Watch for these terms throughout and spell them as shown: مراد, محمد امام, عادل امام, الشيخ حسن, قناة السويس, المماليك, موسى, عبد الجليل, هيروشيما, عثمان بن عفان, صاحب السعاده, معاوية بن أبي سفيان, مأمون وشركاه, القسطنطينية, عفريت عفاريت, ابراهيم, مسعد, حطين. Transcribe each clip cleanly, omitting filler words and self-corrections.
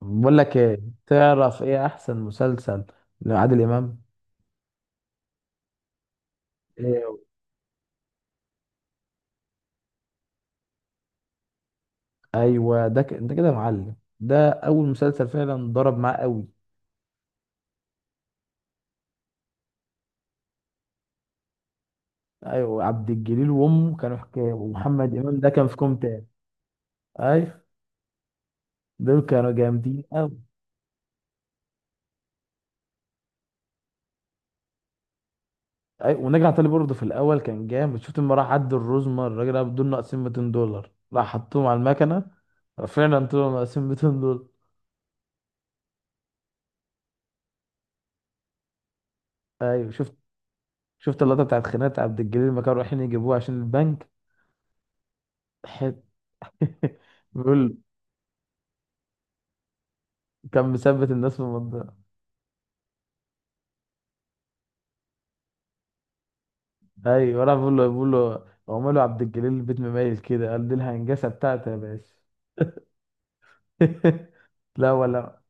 بقول لك ايه، تعرف ايه احسن مسلسل لعادل امام؟ إيه. ايوه، ده انت كده يا معلم، ده اول مسلسل فعلا ضرب معاه قوي. ايوه، عبد الجليل وامه كانوا حكايه، ومحمد امام ده كان في كوم تاني. ايوه، دول كانوا جامدين قوي. ايوه، ونجع علي برضه في الاول كان جامد. شفت لما راح عد الرزمه الراجل ده بدول ناقصين 200 دولار راح حطهم على المكنه. فعلا طلعوا ناقصين 200 دولار. ايوه شفت. شفت اللقطه بتاعت خناقه عبد الجليل لما كانوا رايحين يجيبوه عشان البنك. بيقول كان مثبت الناس في المنطقة. ايوه، انا بقول له عمله عبد الجليل البيت مميز كده، قال دي الهنجسة بتاعته يا باشا. لا ولا.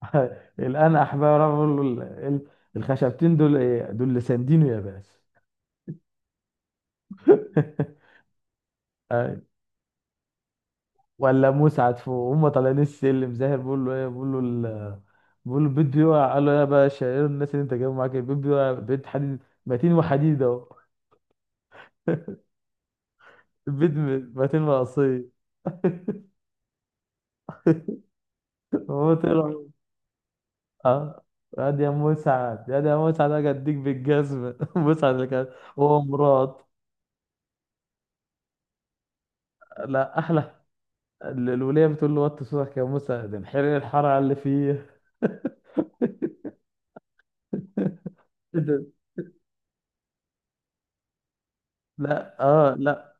الان احباب انا بقول له ال- الخشبتين دول ايه دول اللي ساندينه يا باشا؟ أيوة. ولا مسعد فوق هم طالعين السلم، زاهر بيقول له ايه، بيقول له البيت بيقع. قال له يا باشا ايه الناس اللي انت جايبهم معاك؟ البيت بيقع. بيت حديد متين وحديد اهو. البيت متين وقصير. هو طلع. اه قال يا مسعد، يا ده يا مسعد، اجي اديك بالجزمه. مسعد اللي كان هو مراد. لا احلى الوليه بتقول له وطي صوتك يا مسعد، انحرق الحراره اللي فيه. ده- لا اه لا.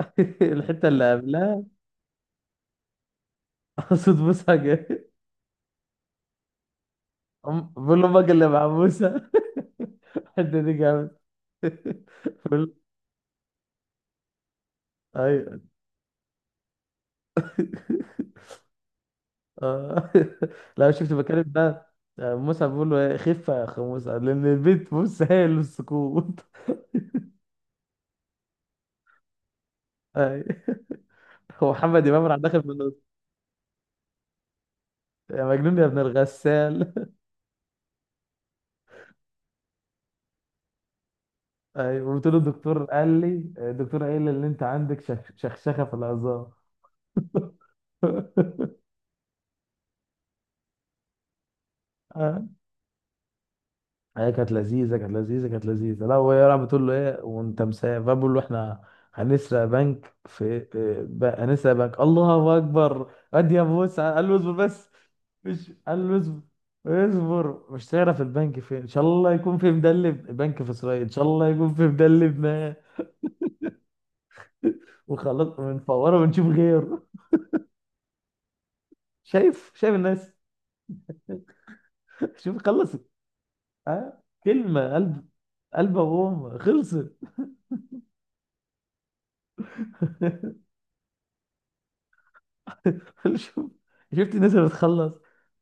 الحته اللي قبلها. صوت موسى جاي. أم- بقول له امك اللي مع موسى. الحته دي جامد. بقول- ايوه. آه. لا شفت بكلم ده. آه، موسى بيقول له إيه، خف يا اخ موسى لان البيت بص هايل السكوت. أي. هو محمد امام راح داخل من النص. يا مجنون يا ابن الغسال. أي. وقلت له الدكتور قال لي، الدكتور قال لي ان انت عندك شخشخه في العظام. هي كانت لذيذة، كانت لذيذة. لا وهي راح بتقول له ايه وانت مسافر، فبقول له احنا هنسرق بنك في إيه، هنسرق بنك. الله اكبر ادي يا موسى، قال له اصبر بس. مش قال له اصبر. اصبر، مش تعرف البنك فين، ان شاء الله يكون في مدلب، البنك في اسرائيل، ان شاء الله يكون في مدلب ما. وخلاص ونفوره ونشوف غيره. شايف، شايف الناس. شوف خلصت. ها كلمة قلب. قلب ابوهم خلصت. شوف- شفت الناس اللي بتخلص.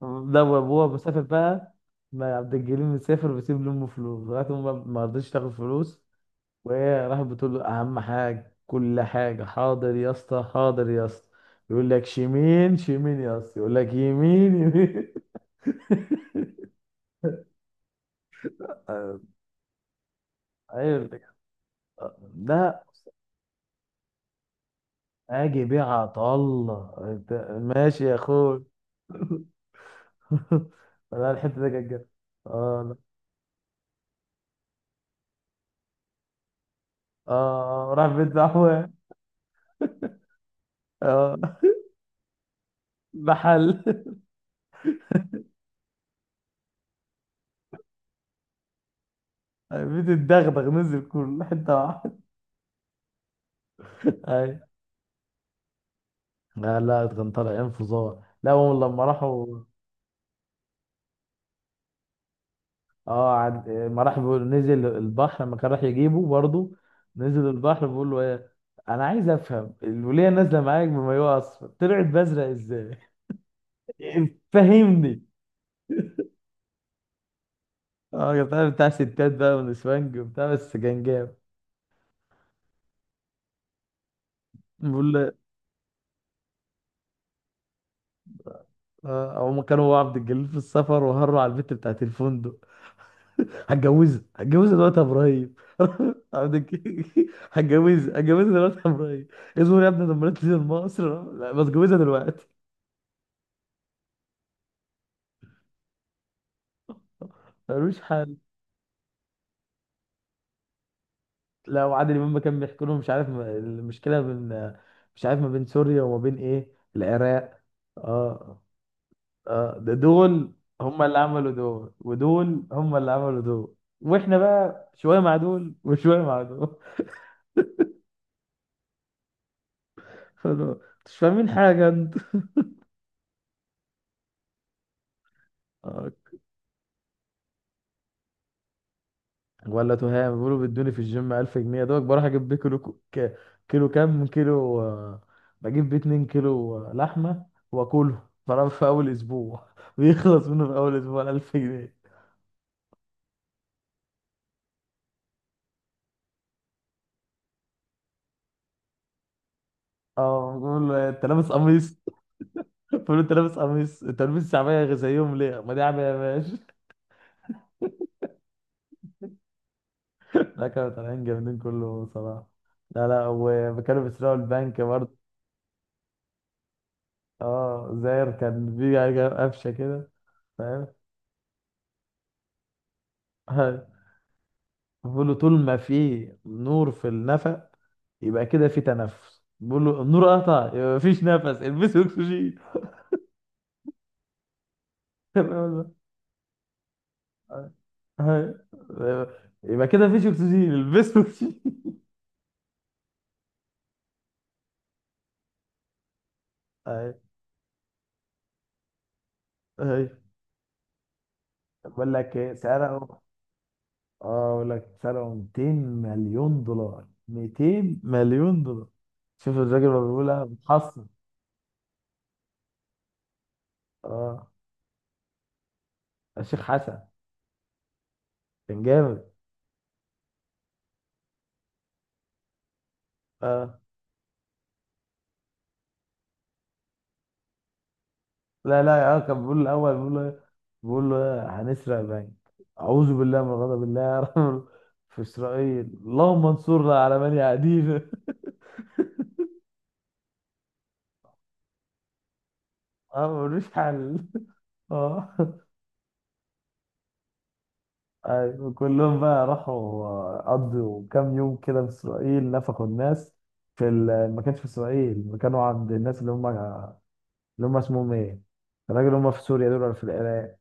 ده وابوها مسافر بقى. ما عبد الجليل مسافر وبيسيب لامه فلوس لغايه ما رضيتش تاخد فلوس. وهي راحت بتقول له اهم حاجه، كل حاجه حاضر يا اسطى، حاضر يا اسطى. يقول لك شمين شمين يا اسطى، يقول لك يمين يمين. ايوه. ده اجي بيع الله ماشي يا اخوي. لا الحته دي كانت جامدة. اه لا. اه، آه، راح بيت دعوه. اه محل. بتتدغدغ نزل كل حته واحده. اي. لا لا كان طالع انفجار. لا هم لما راحوا. اه ما راح بيقول نزل البحر لما كان راح يجيبه برضه، نزل البحر بيقول له ايه، انا عايز افهم الوليه نازله معاك بمايوه اصفر طلعت بازرق ازاي؟ فهمني. اه كان بتاع ستات بقى ونسوانج وبتاع، بس كان جامد. بيقول له، اه هم كانوا هو وعبد الجليل في السفر وهروا على البت بتاعت الفندق. هتجوزها دلوقتي يا ابراهيم. عبد الك- هتجوزها هتجوزها دلوقتي يا ابراهيم. اصبر يا ابني لما تنزل مصر، لا بس اتجوزها دلوقتي. ملوش حل. لا وعادل امام كان بيحكي لهم مش عارف المشكله بين، مش عارف ما بين سوريا وما بين ايه العراق. اه. اه ده دول. هم اللي عملوا دول ودول، هم اللي عملوا دول. واحنا بقى شويه مع دول وشويه مع دول. مش فاهمين حاجه انت. ولا تهام بيقولوا بيدوني في الجيم 1000 جنيه، دوك بروح اجيب بيه كيلو كيلو، كام كيلو آه، بجيب بيه 2 كيلو آه، لحمه. واكله طبعا في اول اسبوع. بيخلص منه في اول اسبوع 1000 جنيه. اه بقول له انت لابس قميص. بقول له انت لابس قميص، انت لابس شعبيه زيهم ليه؟ ما دي عبيه يا باشا. لا كانوا طالعين جامدين كله صراحه. لا لا وكانوا بيسرقوا البنك برضه. اه زاير كان في حاجة قفشه كده. فاهم. بقول له طول ما في نور في النفق يبقى كده في تنفس، بقول له النور قطع يبقى مفيش نفس، البسوا اكسجين. تمام ولا؟ لا؟ أيوة. يبقى كده مفيش اكسجين، البسوا اكسجين. أيوة. أيوة. بقول لك ايه سرقوا، اه بقول لك سرقوا 200 مليون دولار، 200 مليون دولار. شوف الراجل ما بيقولها متحصن. اه الشيخ حسن كان جامد. اه لا لا يا كان بيقول الاول، بيقول له إيه؟ بيقول له إيه؟ هنسرق بنك. اعوذ بالله من غضب الله يا رب، في اسرائيل اللهم انصرنا على من يعادينا. اه ملوش حل. اه. أيوة، كلهم بقى راحوا قضوا كام يوم كده في اسرائيل نفخوا الناس. ما كانش في اسرائيل، ما كانوا عند الناس اللي هم اللي، هم اسمهم ايه؟ الراجل اللي هم في سوريا دول ولا في العراق؟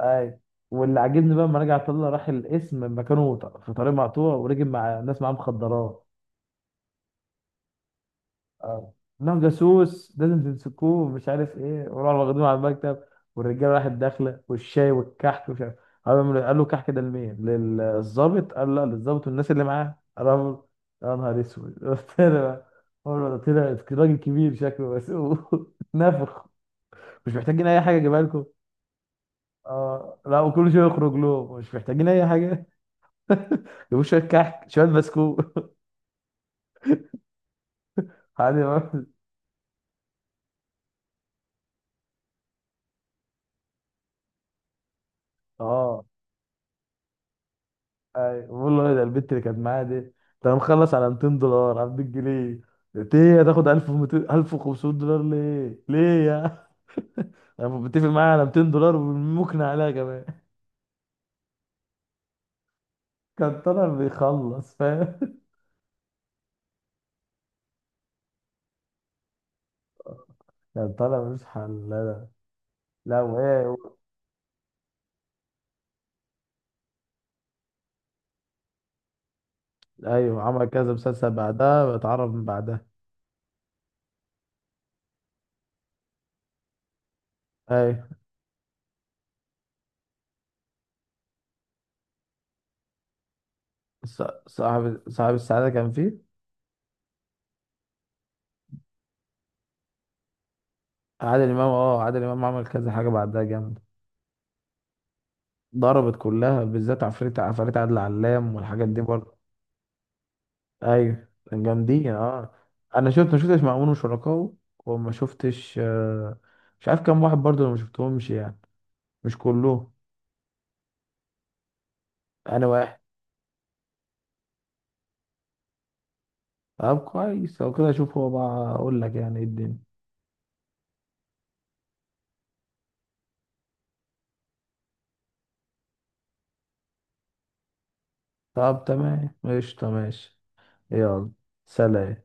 اي. واللي عاجبني بقى لما رجع طلع راح القسم مكانه في طريق مقطوع، ورجب مع ناس معاه مخدرات. اه. انهم جاسوس لازم تمسكوه مش عارف ايه، وراحوا واخدينه على المكتب. والرجاله راحت داخله والشاي والكحك ومش عارف. قال له الكحك ده لمين؟ للظابط. قال لا، للظابط والناس اللي معاه. قال يا نهار اسود. قلت له بقى، قال له ده طلع راجل كبير شكله بس. نافخ. مش محتاجين اي حاجه اجيبها لكم. اه لا وكل شويه يخرج لهم مش محتاجين اي حاجه. جابوا شويه كحك شويه بسكوت. عادي اه اي بقول له ده البت اللي كانت معايا دي ده. انا مخلص على 200 دولار على 200 جنيه. قلت ايه هتاخد 1200 1500 دولار ليه ليه يا، انا متفق معايا على 200 دولار وممكن عليها كمان. كان طالع بيخلص فاهم. كان طالع مش حل. لا لا وايه ايوه عمل كذا مسلسل بعدها، اتعرف من بعدها. ايوه صاحب السعاده كان فيه عادل امام. اه عادل امام عمل كذا حاجه بعدها جامد. ضربت كلها، بالذات عفريت عفاريت عادل علام والحاجات دي برضه. ايوه كان جامدين اه. انا شفت ما شفتش مأمون وشركاه، وما شفتش آه، مش عارف كام واحد برضه انا ما شفتهمش يعني، مش كلهم. انا واحد. طب كويس لو كده اشوف هو، بقى اقول لك يعني ايه الدنيا. طب تمام قشطة ماشي. يلا سلام.